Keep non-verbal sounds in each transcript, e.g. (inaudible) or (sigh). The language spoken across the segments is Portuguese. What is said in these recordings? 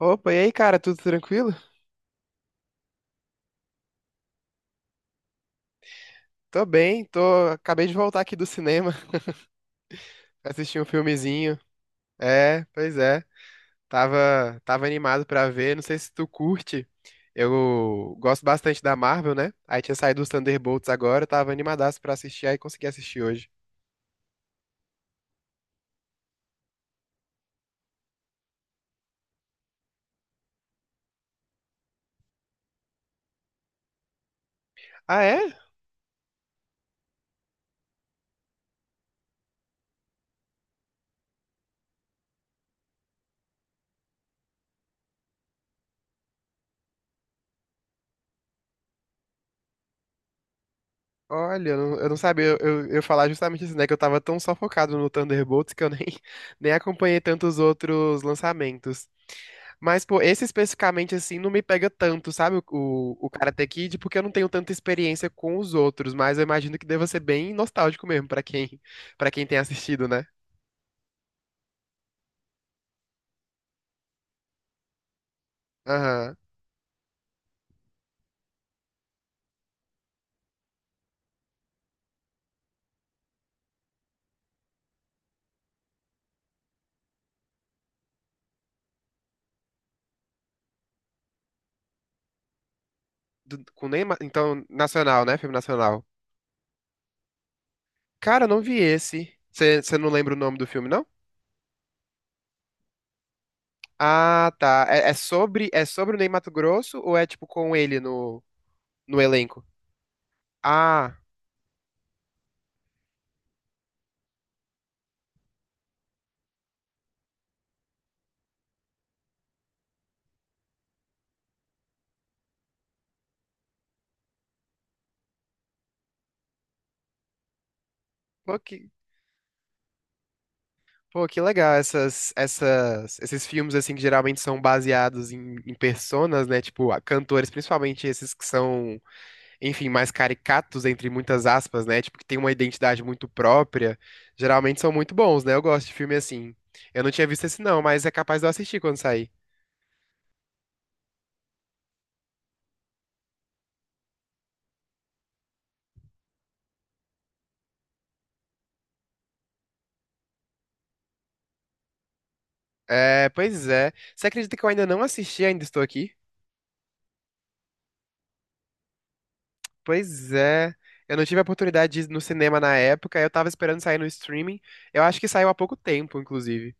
Opa, e aí, cara, tudo tranquilo? Tô bem, tô. Acabei de voltar aqui do cinema, (laughs) assistir um filmezinho. É, pois é. Tava animado pra ver. Não sei se tu curte. Eu gosto bastante da Marvel, né? Aí tinha saído os Thunderbolts agora, eu tava animadaço pra assistir, aí consegui assistir hoje. Ah, é? Olha, eu não sabia, eu ia falar justamente isso, né? Que eu tava tão só focado no Thunderbolts que eu nem, (laughs) nem acompanhei tantos outros lançamentos. Mas, pô, esse especificamente, assim, não me pega tanto, sabe? O Karate Kid, porque eu não tenho tanta experiência com os outros, mas eu imagino que deva ser bem nostálgico mesmo pra quem, (laughs) para quem tem assistido, né? Aham. Com Neymar, então, nacional, né? Filme nacional. Cara, eu não vi esse. Você não lembra o nome do filme, não? Ah, tá. É sobre o Ney Matogrosso ou é tipo com ele no, no elenco? Ah, pô, que, pô, que legal essas, esses filmes assim que geralmente são baseados em, em personas, né? Tipo, cantores, principalmente esses que são, enfim, mais caricatos entre muitas aspas, né? Tipo, que tem uma identidade muito própria. Geralmente são muito bons, né? Eu gosto de filme assim. Eu não tinha visto esse não, mas é capaz de eu assistir quando sair. É, pois é. Você acredita que eu ainda não assisti, ainda estou aqui? Pois é. Eu não tive a oportunidade de ir no cinema na época, eu tava esperando sair no streaming. Eu acho que saiu há pouco tempo, inclusive.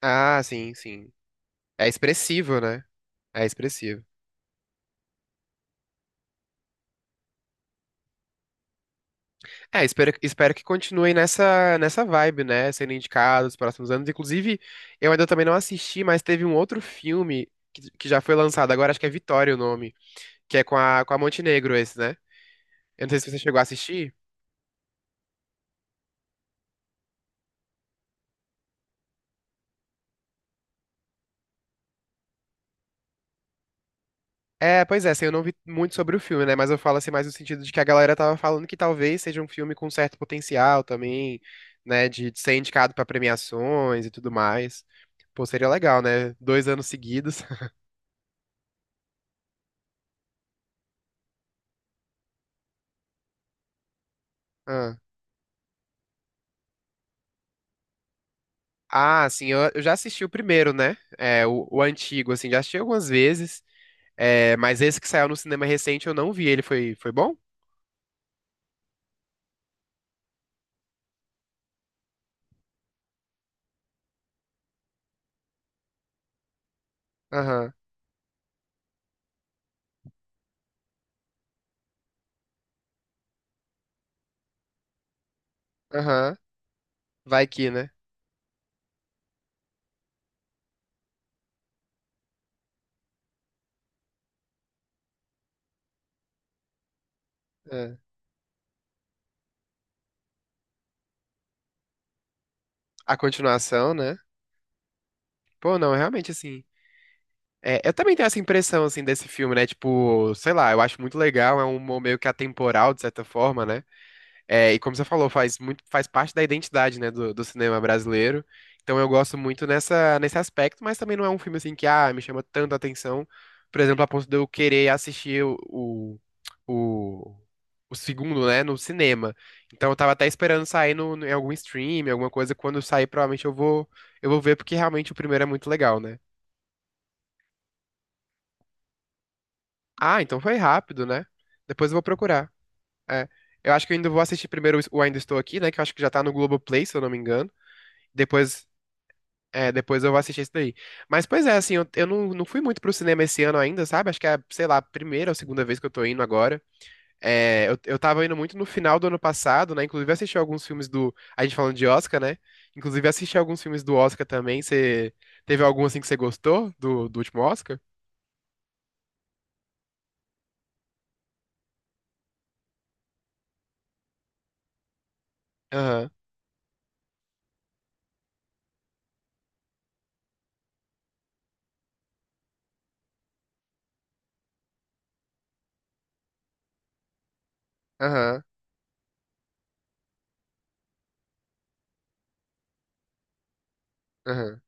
Ah, sim, sim. É expressivo, né? É expressivo. É, espero que continue nessa, nessa vibe, né? Sendo indicado nos próximos anos. Inclusive, eu ainda também não assisti, mas teve um outro filme que já foi lançado agora, acho que é Vitória o nome, que é com a Montenegro esse, né? Eu não sei se você chegou a assistir. É, pois é, assim, eu não vi muito sobre o filme, né? Mas eu falo assim mais no sentido de que a galera tava falando que talvez seja um filme com certo potencial também, né? De ser indicado pra premiações e tudo mais. Pô, seria legal, né? Dois anos seguidos. (laughs) Ah, Ah, assim, eu já assisti o primeiro, né? É, o antigo, assim, já assisti algumas vezes. É, mas esse que saiu no cinema recente eu não vi. Ele foi, foi bom? Aham, aham. Vai que, né? É. A continuação, né? Pô, não, realmente, assim. É, eu também tenho essa impressão, assim, desse filme, né? Tipo, sei lá, eu acho muito legal, é um humor meio que atemporal, de certa forma, né? É, e como você falou, faz muito, faz parte da identidade, né, do cinema brasileiro. Então eu gosto muito nessa, nesse aspecto, mas também não é um filme, assim, que, ah, me chama tanto a atenção, por exemplo, a ponto de eu querer assistir o, o segundo, né, no cinema. Então eu tava até esperando sair no, em algum stream, alguma coisa, quando sair, provavelmente eu vou ver, porque realmente o primeiro é muito legal, né? Ah, então foi rápido, né? Depois eu vou procurar. É. Eu acho que eu ainda vou assistir primeiro o Ainda Estou Aqui, né? Que eu acho que já tá no Globoplay, se eu não me engano. Depois, é, depois eu vou assistir esse daí. Mas, pois é, assim, eu não, não fui muito pro cinema esse ano ainda, sabe? Acho que é, sei lá, a primeira ou segunda vez que eu tô indo agora. É, eu tava indo muito no final do ano passado, né? Inclusive eu assisti alguns filmes do. A gente falando de Oscar, né? Inclusive eu assisti alguns filmes do Oscar também. Você teve algum assim que você gostou do último Oscar? Aham, aham, aham.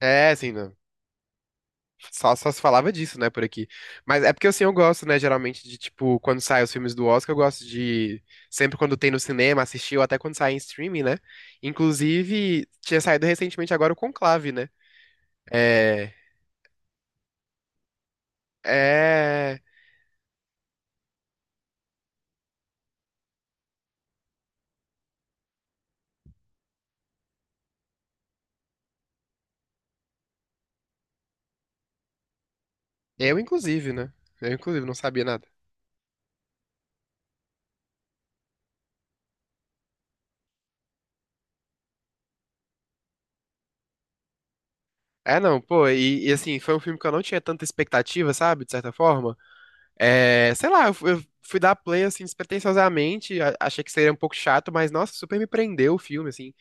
É, assim, não. Só, só se falava disso, né, por aqui. Mas é porque, assim, eu gosto, né, geralmente de, tipo, quando saem os filmes do Oscar, eu gosto de, sempre quando tem no cinema, assistir, ou até quando sai em streaming, né? Inclusive, tinha saído recentemente agora o Conclave, né? É... É... Eu, inclusive, né? Eu, inclusive, não sabia nada. É, não, pô, assim, foi um filme que eu não tinha tanta expectativa, sabe, de certa forma. Sei lá, eu fui dar play, assim, despretensiosamente, achei que seria um pouco chato, mas, nossa, super me prendeu o filme, assim.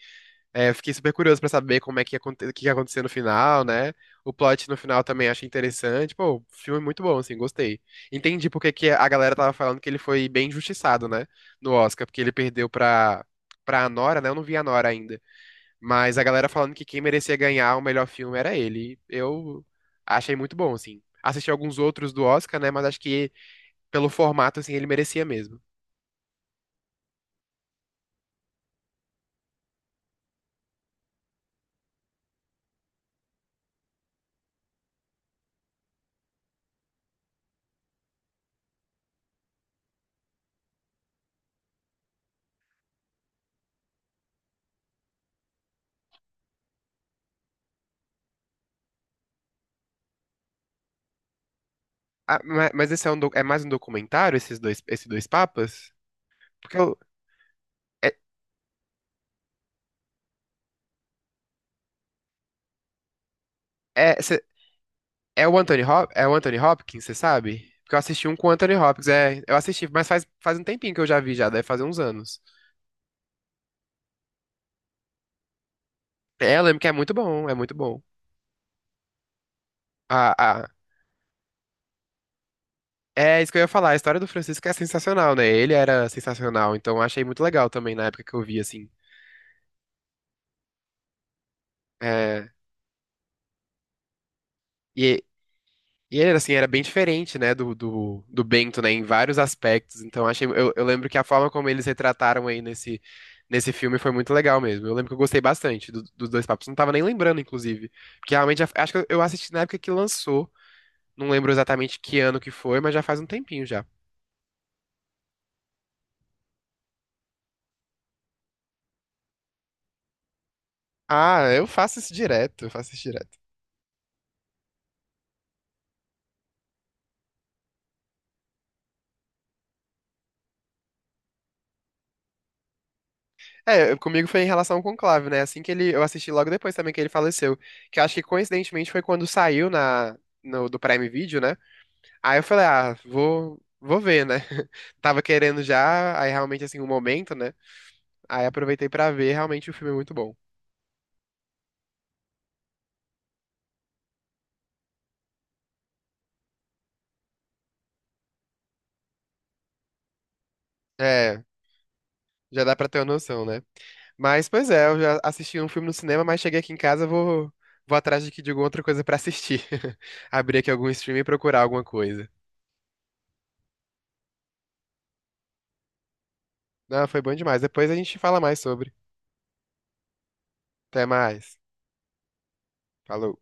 É, eu fiquei super curioso pra saber como é que ia, o que ia acontecer no final, né? O plot no final também achei interessante. Pô, filme muito bom, assim, gostei. Entendi porque que a galera tava falando que ele foi bem injustiçado, né? No Oscar, porque ele perdeu pra Anora, né? Eu não vi a Anora ainda. Mas a galera falando que quem merecia ganhar o melhor filme era ele. Eu achei muito bom, assim. Assisti alguns outros do Oscar, né? Mas acho que pelo formato, assim, ele merecia mesmo. Ah, mas esse é, um, é mais um documentário, esses dois papas? Porque eu. É, É o é o Anthony Hopkins, você sabe? Porque eu assisti um com o Anthony Hopkins, é, eu assisti, mas faz, faz um tempinho que eu já vi já, deve fazer uns anos. É, eu lembro que é muito bom, é muito bom. Ah, ah, é isso que eu ia falar, a história do Francisco é sensacional, né? Ele era sensacional, então eu achei muito legal também na época que eu vi, assim. É, e E era assim, era bem diferente, né, do Bento, né, em vários aspectos. Então, achei, eu lembro que a forma como eles retrataram aí nesse, nesse filme foi muito legal mesmo. Eu lembro que eu gostei bastante dos dois papos. Não tava nem lembrando, inclusive. Porque realmente, já- acho que eu assisti na época que lançou. Não lembro exatamente que ano que foi, mas já faz um tempinho já. Ah, eu faço isso direto, eu faço isso direto. É, comigo foi em relação ao Conclave, né? Assim que ele, eu assisti logo depois também que ele faleceu, que eu acho que coincidentemente foi quando saiu na no, do Prime Video, né? Aí eu falei, ah, vou, vou ver, né? (laughs) Tava querendo já, aí realmente assim, o momento, né? Aí aproveitei pra ver, realmente o filme é muito bom. É, já dá pra ter uma noção, né? Mas, pois é, eu já assisti um filme no cinema, mas cheguei aqui em casa, vou, vou atrás de, de alguma outra coisa pra assistir. (laughs) Abrir aqui algum stream e procurar alguma coisa. Não, foi bom demais. Depois a gente fala mais sobre. Até mais. Falou.